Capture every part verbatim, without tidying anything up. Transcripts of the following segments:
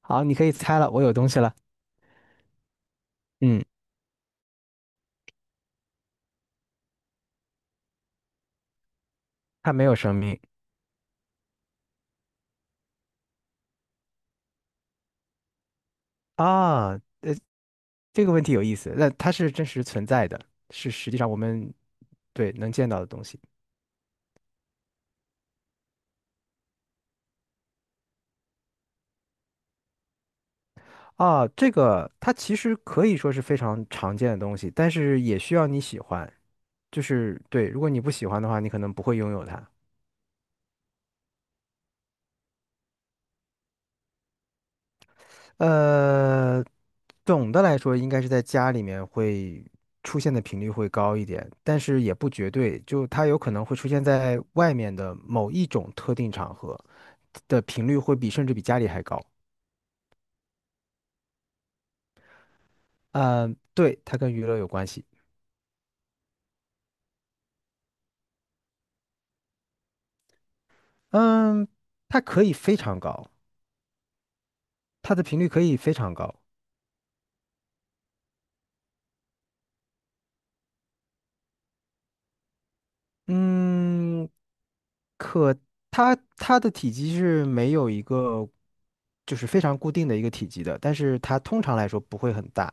好，你可以猜了，我有东西了。嗯，它没有生命。啊。呃，这个问题有意思。那它是真实存在的，是实际上我们对能见到的东西。啊。这个它其实可以说是非常常见的东西，但是也需要你喜欢。就是对，如果你不喜欢的话，你可能不会拥有它。呃，总的来说，应该是在家里面会出现的频率会高一点，但是也不绝对，就它有可能会出现在外面的某一种特定场合。的频率会比甚至比家里还高。嗯，对，它跟娱乐有关系。嗯，它可以非常高，它的频率可以非常高。嗯，可它它的体积是没有一个就是非常固定的一个体积的，但是它通常来说不会很大。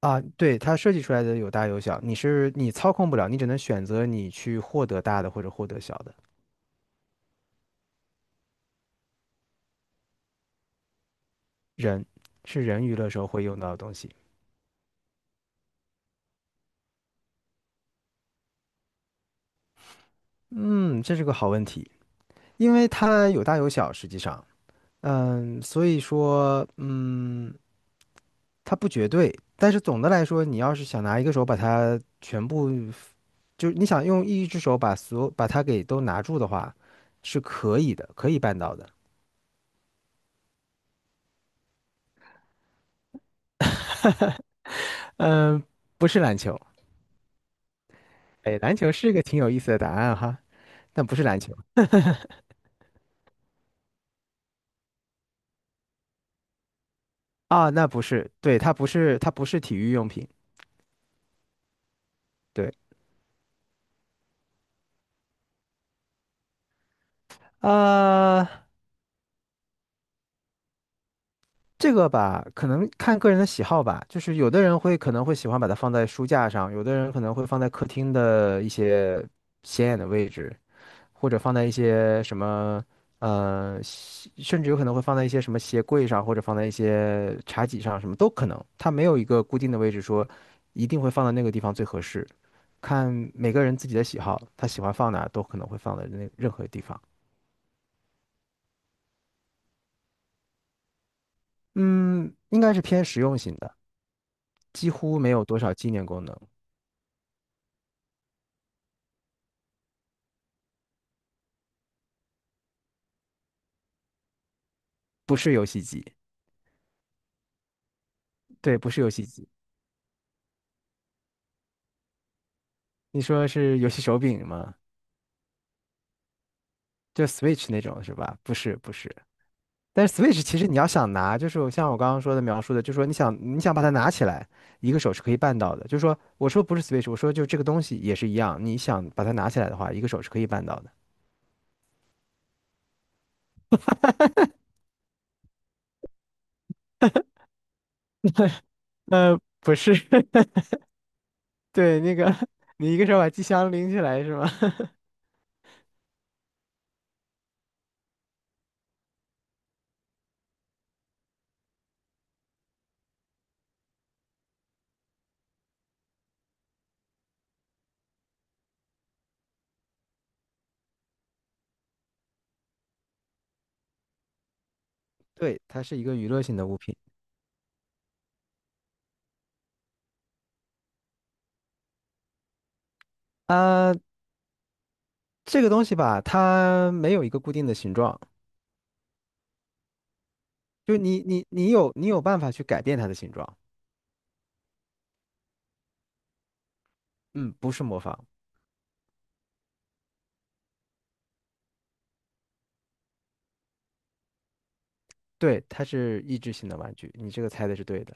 啊。对，它设计出来的有大有小，你是你操控不了，你只能选择你去获得大的或者获得小的。人是人娱乐时候会用到的东西。嗯，这是个好问题。因为它有大有小，实际上，嗯，所以说，嗯，它不绝对。但是总的来说，你要是想拿一个手把它全部，就是你想用一只手把所有把它给都拿住的话，是可以的，可以办到的。嗯，不是篮球，哎，篮球是个挺有意思的答案哈，但不是篮球。啊，那不是，对，它不是，它不是体育用品，对。啊、这个吧，可能看个人的喜好吧，就是有的人会可能会喜欢把它放在书架上，有的人可能会放在客厅的一些显眼的位置，或者放在一些什么，呃，西甚至有可能会放在一些什么鞋柜上，或者放在一些茶几上，什么都可能。它没有一个固定的位置说一定会放在那个地方最合适，看每个人自己的喜好，他喜欢放哪儿都可能会放在那任何地方。嗯，应该是偏实用型的，几乎没有多少纪念功能。不是游戏机，对，不是游戏机。你说是游戏手柄吗？就 Switch 那种是吧？不是，不是。但是 Switch 其实你要想拿，就是我像我刚刚说的描述的，就是说你想你想把它拿起来，一个手是可以办到的。就是说，我说不是 Switch,我说就这个东西也是一样，你想把它拿起来的话，一个手是可以办到的。呃，不是，对，那个 你一个手把机箱拎起来是吗？对，它是一个娱乐性的物品。啊、这个东西吧，它没有一个固定的形状，就你你你有你有办法去改变它的形状，嗯，不是模仿，对，它是益智性的玩具，你这个猜的是对的。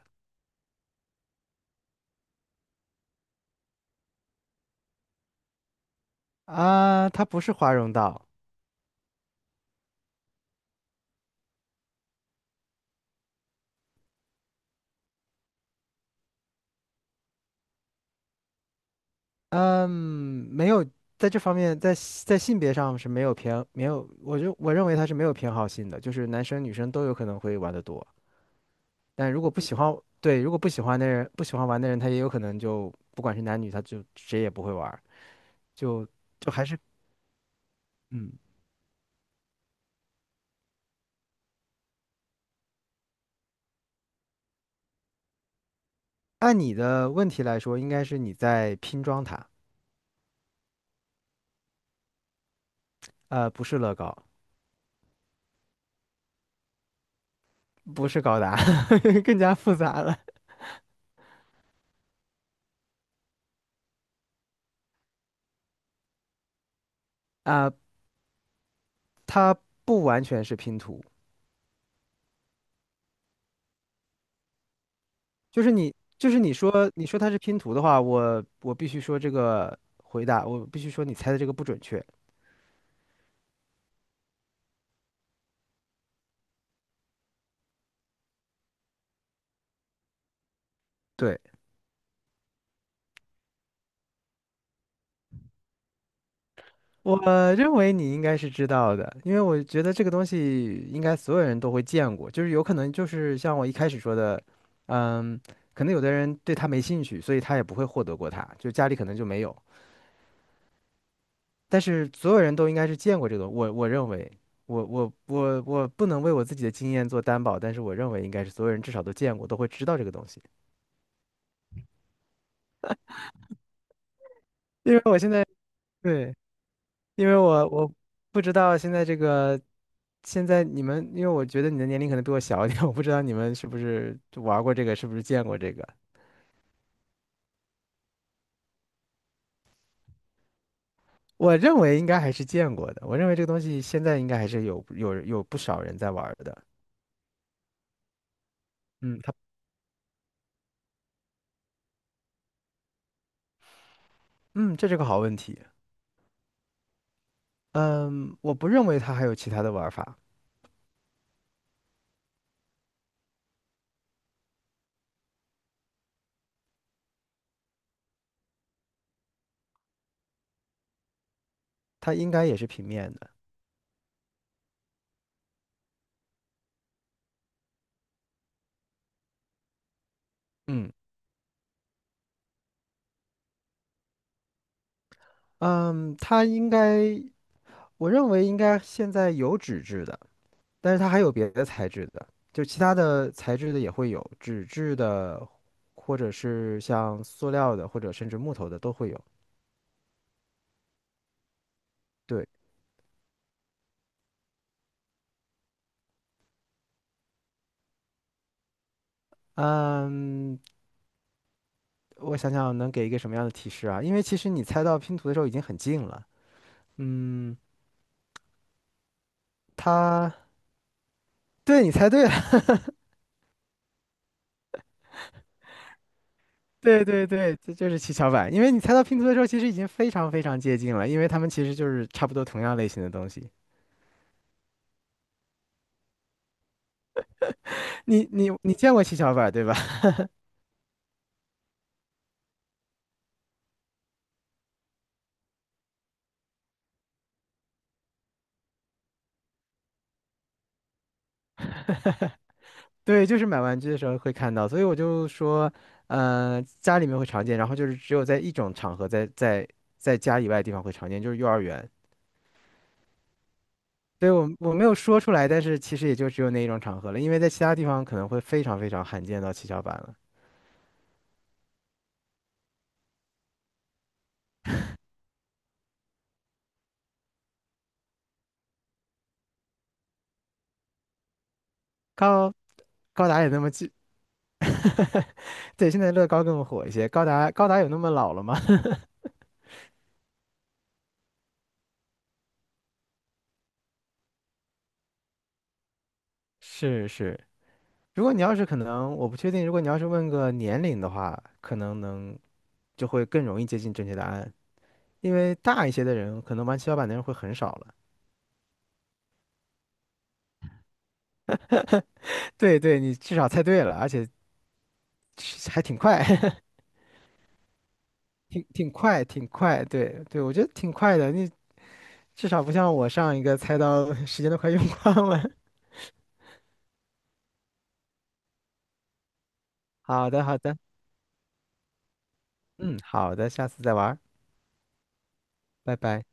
啊，它不是华容道，嗯，没有在这方面，在在性别上是没有偏没有，我就我认为它是没有偏好性的，就是男生女生都有可能会玩得多，但如果不喜欢，对，如果不喜欢的人不喜欢玩的人，他也有可能就不管是男女，他就谁也不会玩儿，就就还是嗯，按你的问题来说，应该是你在拼装它。呃，不是乐高，不是高达，更加复杂了。啊，它不完全是拼图，就是你就是你说你说它是拼图的话，我我必须说这个回答，我必须说你猜的这个不准确。对，我认为你应该是知道的，因为我觉得这个东西应该所有人都会见过，就是有可能就是像我一开始说的，嗯，可能有的人对它没兴趣，所以他也不会获得过它，就家里可能就没有。但是所有人都应该是见过这个我我认为，我我我我不能为我自己的经验做担保，但是我认为应该是所有人至少都见过，都会知道这个东西。因为我现在对，因为我我不知道现在这个，现在你们，因为我觉得你的年龄可能比我小一点，我不知道你们是不是玩过这个，是不是见过这个。我认为应该还是见过的，我认为这个东西现在应该还是有有有不少人在玩儿的。嗯，它嗯，这是个好问题。嗯，我不认为它还有其他的玩法。它应该也是平面的。嗯，嗯，它应该，我认为应该现在有纸质的，但是它还有别的材质的，就其他的材质的也会有，纸质的，或者是像塑料的，或者甚至木头的都会有。对，嗯，我想想能给一个什么样的提示啊？因为其实你猜到拼图的时候已经很近了。嗯，它，对，你猜对了，对对对，这就是七巧板。因为你猜到拼图的时候，其实已经非常非常接近了，因为它们其实就是差不多同样类型的东西。你你你见过七巧板对吧？对，就是买玩具的时候会看到，所以我就说，嗯、家里面会常见，然后就是只有在一种场合在，在在家以外的地方会常见，就是幼儿园。对，我我没有说出来，但是其实也就只有那一种场合了，因为在其他地方可能会非常非常罕见到七巧板了。高高达也那么近，对，现在乐高更火一些。高达高达有那么老了吗？是是，如果你要是可能，我不确定。如果你要是问个年龄的话，可能能就会更容易接近正确答案，因为大一些的人可能玩七巧板的人会很少了。对对，你至少猜对了，而且是还挺快，挺挺快，挺快。对对，我觉得挺快的。你至少不像我上一个猜到 时间都快用光了。好的好的，嗯，好的，下次再玩儿。拜拜。